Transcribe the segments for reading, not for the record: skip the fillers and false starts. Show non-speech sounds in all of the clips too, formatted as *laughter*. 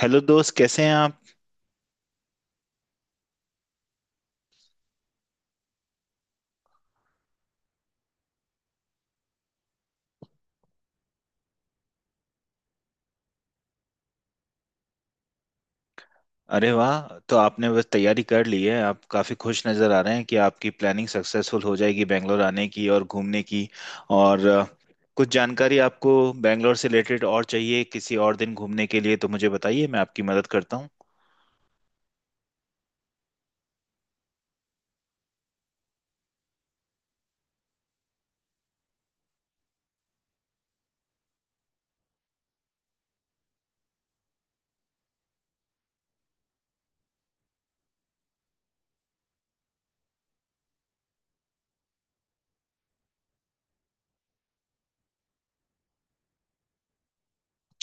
Hello दोस्त, कैसे हैं आप? अरे वाह! तो आपने बस तैयारी कर ली है। आप काफ़ी खुश नज़र आ रहे हैं कि आपकी प्लानिंग सक्सेसफुल हो जाएगी, बैंगलोर आने की और घूमने की। और कुछ जानकारी आपको बैंगलोर से रिलेटेड और चाहिए किसी और दिन घूमने के लिए, तो मुझे बताइए, मैं आपकी मदद करता हूँ।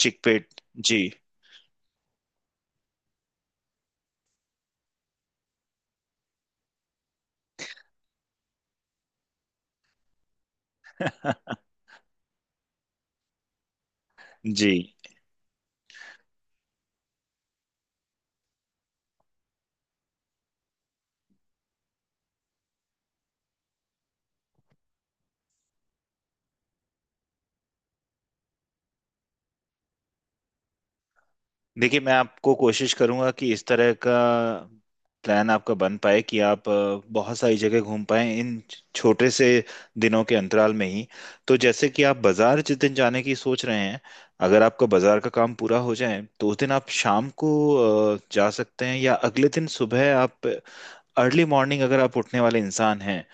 चिकपेट। जी। *laughs* जी, देखिए, मैं आपको कोशिश करूंगा कि इस तरह का प्लान आपका बन पाए कि आप बहुत सारी जगह घूम पाए इन छोटे से दिनों के अंतराल में ही। तो जैसे कि आप बाजार जिस दिन जाने की सोच रहे हैं, अगर आपका बाजार का काम पूरा हो जाए तो उस दिन आप शाम को जा सकते हैं, या अगले दिन सुबह आप अर्ली मॉर्निंग, अगर आप उठने वाले इंसान हैं,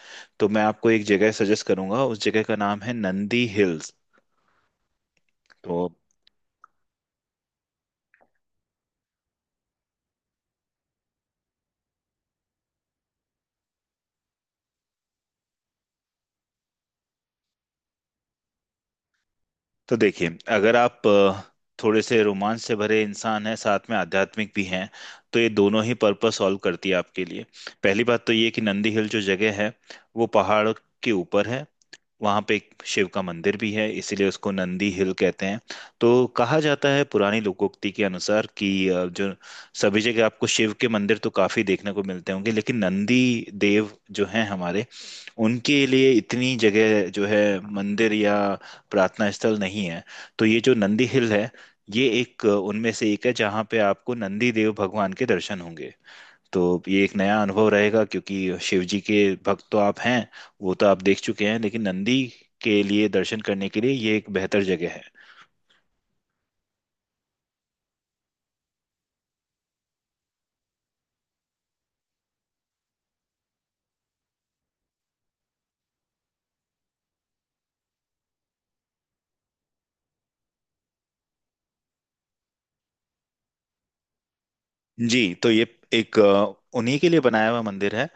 तो मैं आपको एक जगह सजेस्ट करूंगा। उस जगह का नाम है नंदी हिल्स। तो तो देखिए, अगर आप थोड़े से रोमांच से भरे इंसान हैं, साथ में आध्यात्मिक भी हैं, तो ये दोनों ही पर्पस सॉल्व करती है आपके लिए। पहली बात तो ये कि नंदी हिल जो जगह है वो पहाड़ के ऊपर है। वहाँ पे एक शिव का मंदिर भी है, इसीलिए उसको नंदी हिल कहते हैं। तो कहा जाता है पुरानी लोकोक्ति के अनुसार कि जो सभी जगह आपको शिव के मंदिर तो काफी देखने को मिलते होंगे, लेकिन नंदी देव जो हैं हमारे, उनके लिए इतनी जगह जो है मंदिर या प्रार्थना स्थल नहीं है। तो ये जो नंदी हिल है, ये एक उनमें से एक है जहाँ पे आपको नंदी देव भगवान के दर्शन होंगे। तो ये एक नया अनुभव रहेगा, क्योंकि शिव जी के भक्त तो आप हैं, वो तो आप देख चुके हैं, लेकिन नंदी के लिए दर्शन करने के लिए ये एक बेहतर जगह है। जी, तो ये एक उन्हीं के लिए बनाया हुआ मंदिर है।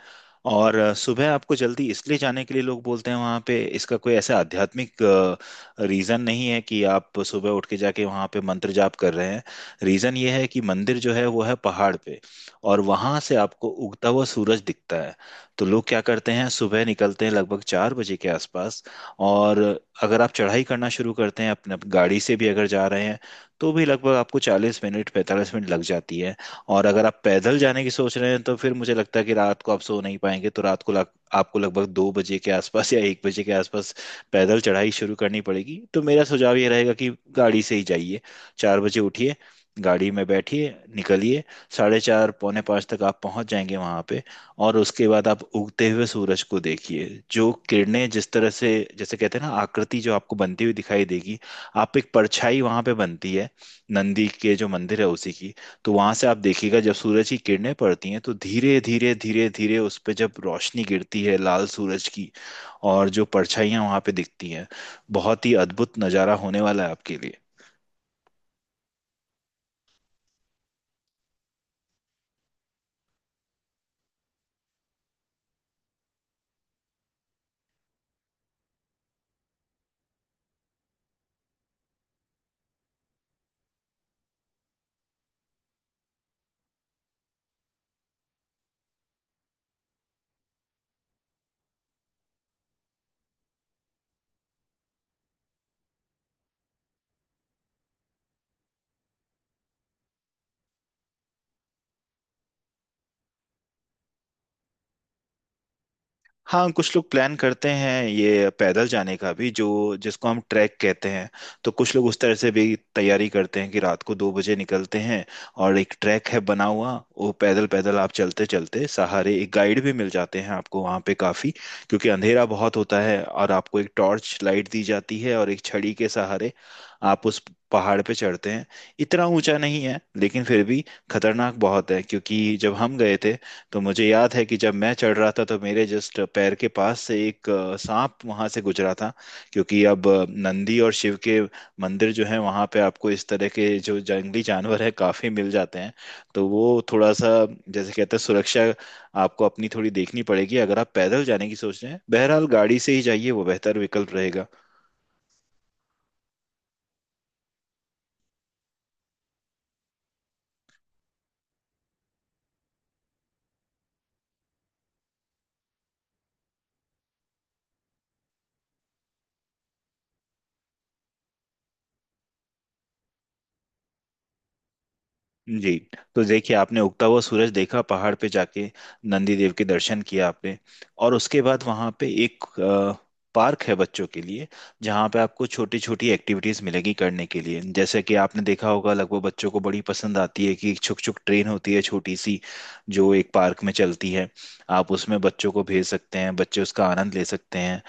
और सुबह आपको जल्दी इसलिए जाने के लिए लोग बोलते हैं, वहाँ पे इसका कोई ऐसा आध्यात्मिक रीज़न नहीं है कि आप सुबह उठ के जाके वहाँ पे मंत्र जाप कर रहे हैं। रीज़न ये है कि मंदिर जो है वो है पहाड़ पे, और वहाँ से आपको उगता हुआ सूरज दिखता है। तो लोग क्या करते हैं, सुबह निकलते हैं लगभग 4 बजे के आसपास। और अगर आप चढ़ाई करना शुरू करते हैं, अपने गाड़ी से भी अगर जा रहे हैं, तो भी लगभग आपको 40 मिनट 45 मिनट लग जाती है। और अगर आप पैदल जाने की सोच रहे हैं, तो फिर मुझे लगता है कि रात को आप सो नहीं पाएंगे। तो रात को आपको लगभग 2 बजे के आसपास या 1 बजे के आसपास पैदल चढ़ाई शुरू करनी पड़ेगी। तो मेरा सुझाव ये रहेगा कि गाड़ी से ही जाइए, 4 बजे उठिए, गाड़ी में बैठिए, निकलिए। 4:30 4:45 तक आप पहुंच जाएंगे वहां पे। और उसके बाद आप उगते हुए सूरज को देखिए। जो किरणें जिस तरह से, जैसे कहते हैं ना, आकृति जो आपको बनती हुई दिखाई देगी, आप एक परछाई वहां पे बनती है नंदी के जो मंदिर है उसी की। तो वहां से आप देखिएगा, जब सूरज की किरणें पड़ती हैं तो धीरे धीरे धीरे धीरे उस पे जब रोशनी गिरती है लाल सूरज की, और जो परछाइयां वहां पे दिखती हैं, बहुत ही अद्भुत नजारा होने वाला है आपके लिए। हाँ, कुछ लोग प्लान करते हैं ये पैदल जाने का भी, जो जिसको हम ट्रैक कहते हैं। तो कुछ लोग उस तरह से भी तैयारी करते हैं कि रात को 2 बजे निकलते हैं, और एक ट्रैक है बना हुआ, वो पैदल पैदल आप चलते चलते सहारे एक गाइड भी मिल जाते हैं आपको वहाँ पे काफ़ी, क्योंकि अंधेरा बहुत होता है, और आपको एक टॉर्च लाइट दी जाती है, और एक छड़ी के सहारे आप उस पहाड़ पे चढ़ते हैं। इतना ऊंचा नहीं है, लेकिन फिर भी खतरनाक बहुत है, क्योंकि जब हम गए थे, तो मुझे याद है कि जब मैं चढ़ रहा था तो मेरे जस्ट पैर के पास से एक सांप वहां से गुजरा था। क्योंकि अब नंदी और शिव के मंदिर जो है वहां पे आपको इस तरह के जो जंगली जानवर है काफी मिल जाते हैं। तो वो थोड़ा सा, जैसे कहते हैं, सुरक्षा आपको अपनी थोड़ी देखनी पड़ेगी अगर आप पैदल जाने की सोच रहे हैं। बहरहाल, गाड़ी से ही जाइए, वो बेहतर विकल्प रहेगा। जी, तो देखिए, आपने उगता हुआ सूरज देखा पहाड़ पे जाके, नंदी देव के दर्शन किया आपने। और उसके बाद वहाँ पे एक पार्क है बच्चों के लिए, जहाँ पे आपको छोटी छोटी एक्टिविटीज मिलेगी करने के लिए। जैसे कि आपने देखा होगा, लगभग बच्चों को बड़ी पसंद आती है कि एक छुक छुक ट्रेन होती है छोटी सी, जो एक पार्क में चलती है। आप उसमें बच्चों को भेज सकते हैं, बच्चे उसका आनंद ले सकते हैं।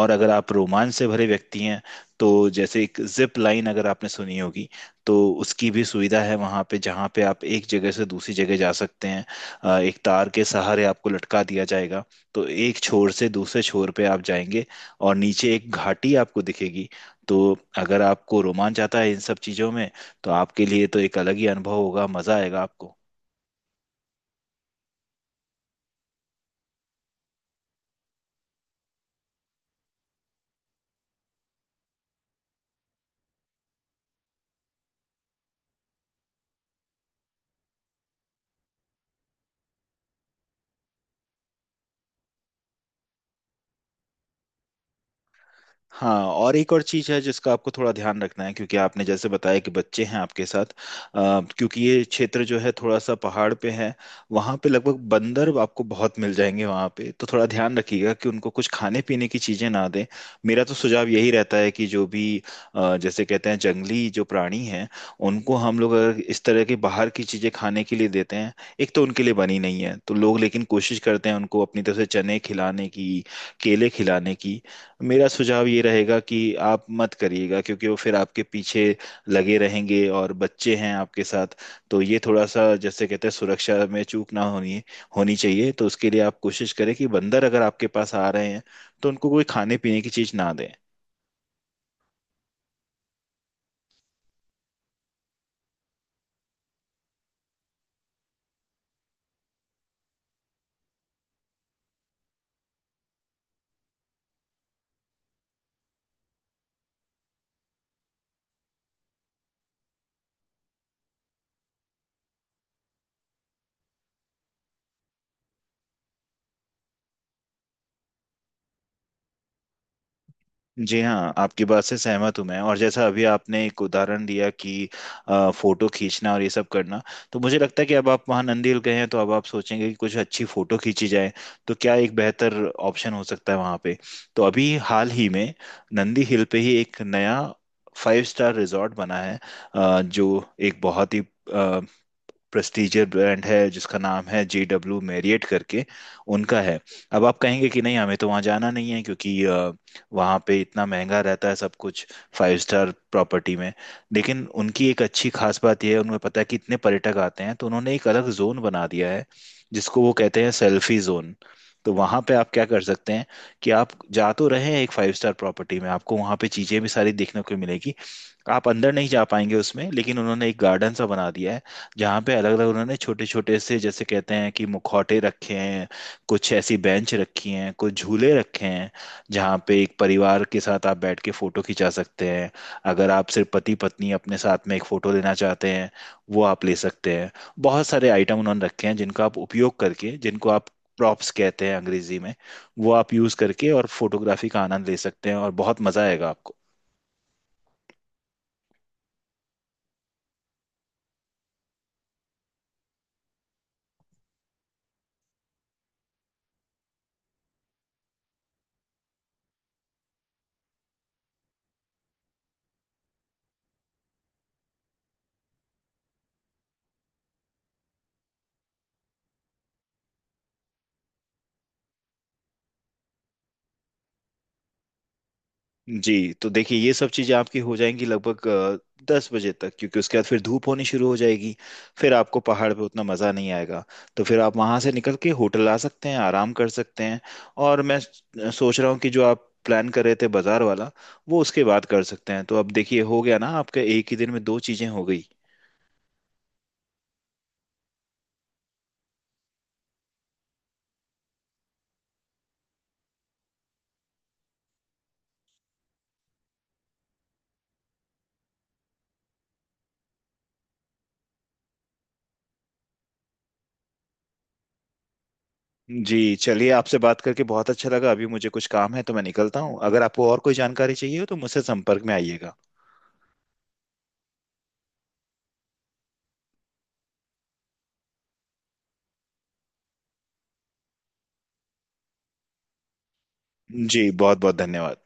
और अगर आप रोमांच से भरे व्यक्ति हैं, तो जैसे एक जिप लाइन अगर आपने सुनी होगी, तो उसकी भी सुविधा है वहाँ पे, जहाँ पे आप एक जगह से दूसरी जगह जा सकते हैं। एक तार के सहारे आपको लटका दिया जाएगा, तो एक छोर से दूसरे छोर पे आप जाएंगे, और नीचे एक घाटी आपको दिखेगी। तो अगर आपको रोमांच आता है इन सब चीज़ों में, तो आपके लिए तो एक अलग ही अनुभव होगा, मज़ा आएगा आपको। हाँ, और एक और चीज़ है जिसका आपको थोड़ा ध्यान रखना है, क्योंकि आपने जैसे बताया कि बच्चे हैं आपके साथ। क्योंकि ये क्षेत्र जो है थोड़ा सा पहाड़ पे है, वहाँ पे लगभग बंदर आपको बहुत मिल जाएंगे वहाँ पे, तो थोड़ा ध्यान रखिएगा कि उनको कुछ खाने पीने की चीज़ें ना दें। मेरा तो सुझाव यही रहता है कि जो भी जैसे कहते हैं, जंगली जो प्राणी हैं, उनको हम लोग अगर इस तरह के बाहर की चीज़ें खाने के लिए देते हैं, एक तो उनके लिए बनी नहीं है। तो लोग लेकिन कोशिश करते हैं उनको अपनी तरफ से चने खिलाने की, केले खिलाने की। मेरा सुझाव ये रहेगा कि आप मत करिएगा, क्योंकि वो फिर आपके पीछे लगे रहेंगे, और बच्चे हैं आपके साथ। तो ये थोड़ा सा, जैसे कहते हैं, सुरक्षा में चूक ना होनी होनी चाहिए। तो उसके लिए आप कोशिश करें कि बंदर अगर आपके पास आ रहे हैं तो उनको कोई खाने पीने की चीज़ ना दें। जी हाँ, आपकी बात से सहमत हूँ मैं। और जैसा अभी आपने एक उदाहरण दिया कि फोटो खींचना और ये सब करना, तो मुझे लगता है कि अब आप वहाँ नंदील गए हैं तो अब आप सोचेंगे कि कुछ अच्छी फोटो खींची जाए, तो क्या एक बेहतर ऑप्शन हो सकता है वहाँ पे। तो अभी हाल ही में नंदी हिल पे ही एक नया फाइव स्टार रिजॉर्ट बना है, जो एक बहुत ही प्रेस्टीजियर ब्रांड है, जिसका नाम है जे डब्ल्यू मैरियट करके, उनका है। अब आप कहेंगे कि नहीं, हमें तो वहाँ जाना नहीं है, क्योंकि वहाँ पे इतना महंगा रहता है सब कुछ, फाइव स्टार प्रॉपर्टी में। लेकिन उनकी एक अच्छी खास बात यह है, उन्हें पता है कि इतने पर्यटक आते हैं, तो उन्होंने एक अलग जोन बना दिया है, जिसको वो कहते हैं सेल्फी जोन। तो वहाँ पे आप क्या कर सकते हैं कि आप जा तो रहे हैं एक फाइव स्टार प्रॉपर्टी में, आपको वहाँ पे चीज़ें भी सारी देखने को मिलेगी। आप अंदर नहीं जा पाएंगे उसमें, लेकिन उन्होंने एक गार्डन सा बना दिया है, जहाँ पे अलग अलग उन्होंने छोटे छोटे से, जैसे कहते हैं कि, मुखौटे रखे हैं, कुछ ऐसी बेंच रखी हैं, कुछ झूले रखे हैं, जहाँ पे एक परिवार के साथ आप बैठ के फोटो खिंचा सकते हैं। अगर आप सिर्फ पति पत्नी अपने साथ में एक फोटो लेना चाहते हैं, वो आप ले सकते हैं। बहुत सारे आइटम उन्होंने रखे हैं जिनका आप उपयोग करके, जिनको आप प्रॉप्स कहते हैं अंग्रेजी में, वो आप यूज करके और फोटोग्राफी का आनंद ले सकते हैं, और बहुत मजा आएगा आपको। जी, तो देखिए, ये सब चीज़ें आपकी हो जाएंगी लगभग 10 बजे तक, क्योंकि उसके बाद फिर धूप होनी शुरू हो जाएगी, फिर आपको पहाड़ पे उतना मज़ा नहीं आएगा। तो फिर आप वहाँ से निकल के होटल आ सकते हैं, आराम कर सकते हैं। और मैं सोच रहा हूँ कि जो आप प्लान कर रहे थे बाज़ार वाला, वो उसके बाद कर सकते हैं। तो अब देखिए, हो गया ना आपका एक ही दिन में दो चीज़ें हो गई। जी, चलिए, आपसे बात करके बहुत अच्छा लगा। अभी मुझे कुछ काम है, तो मैं निकलता हूँ। अगर आपको और कोई जानकारी चाहिए हो तो मुझसे संपर्क में आइएगा। जी, बहुत बहुत धन्यवाद।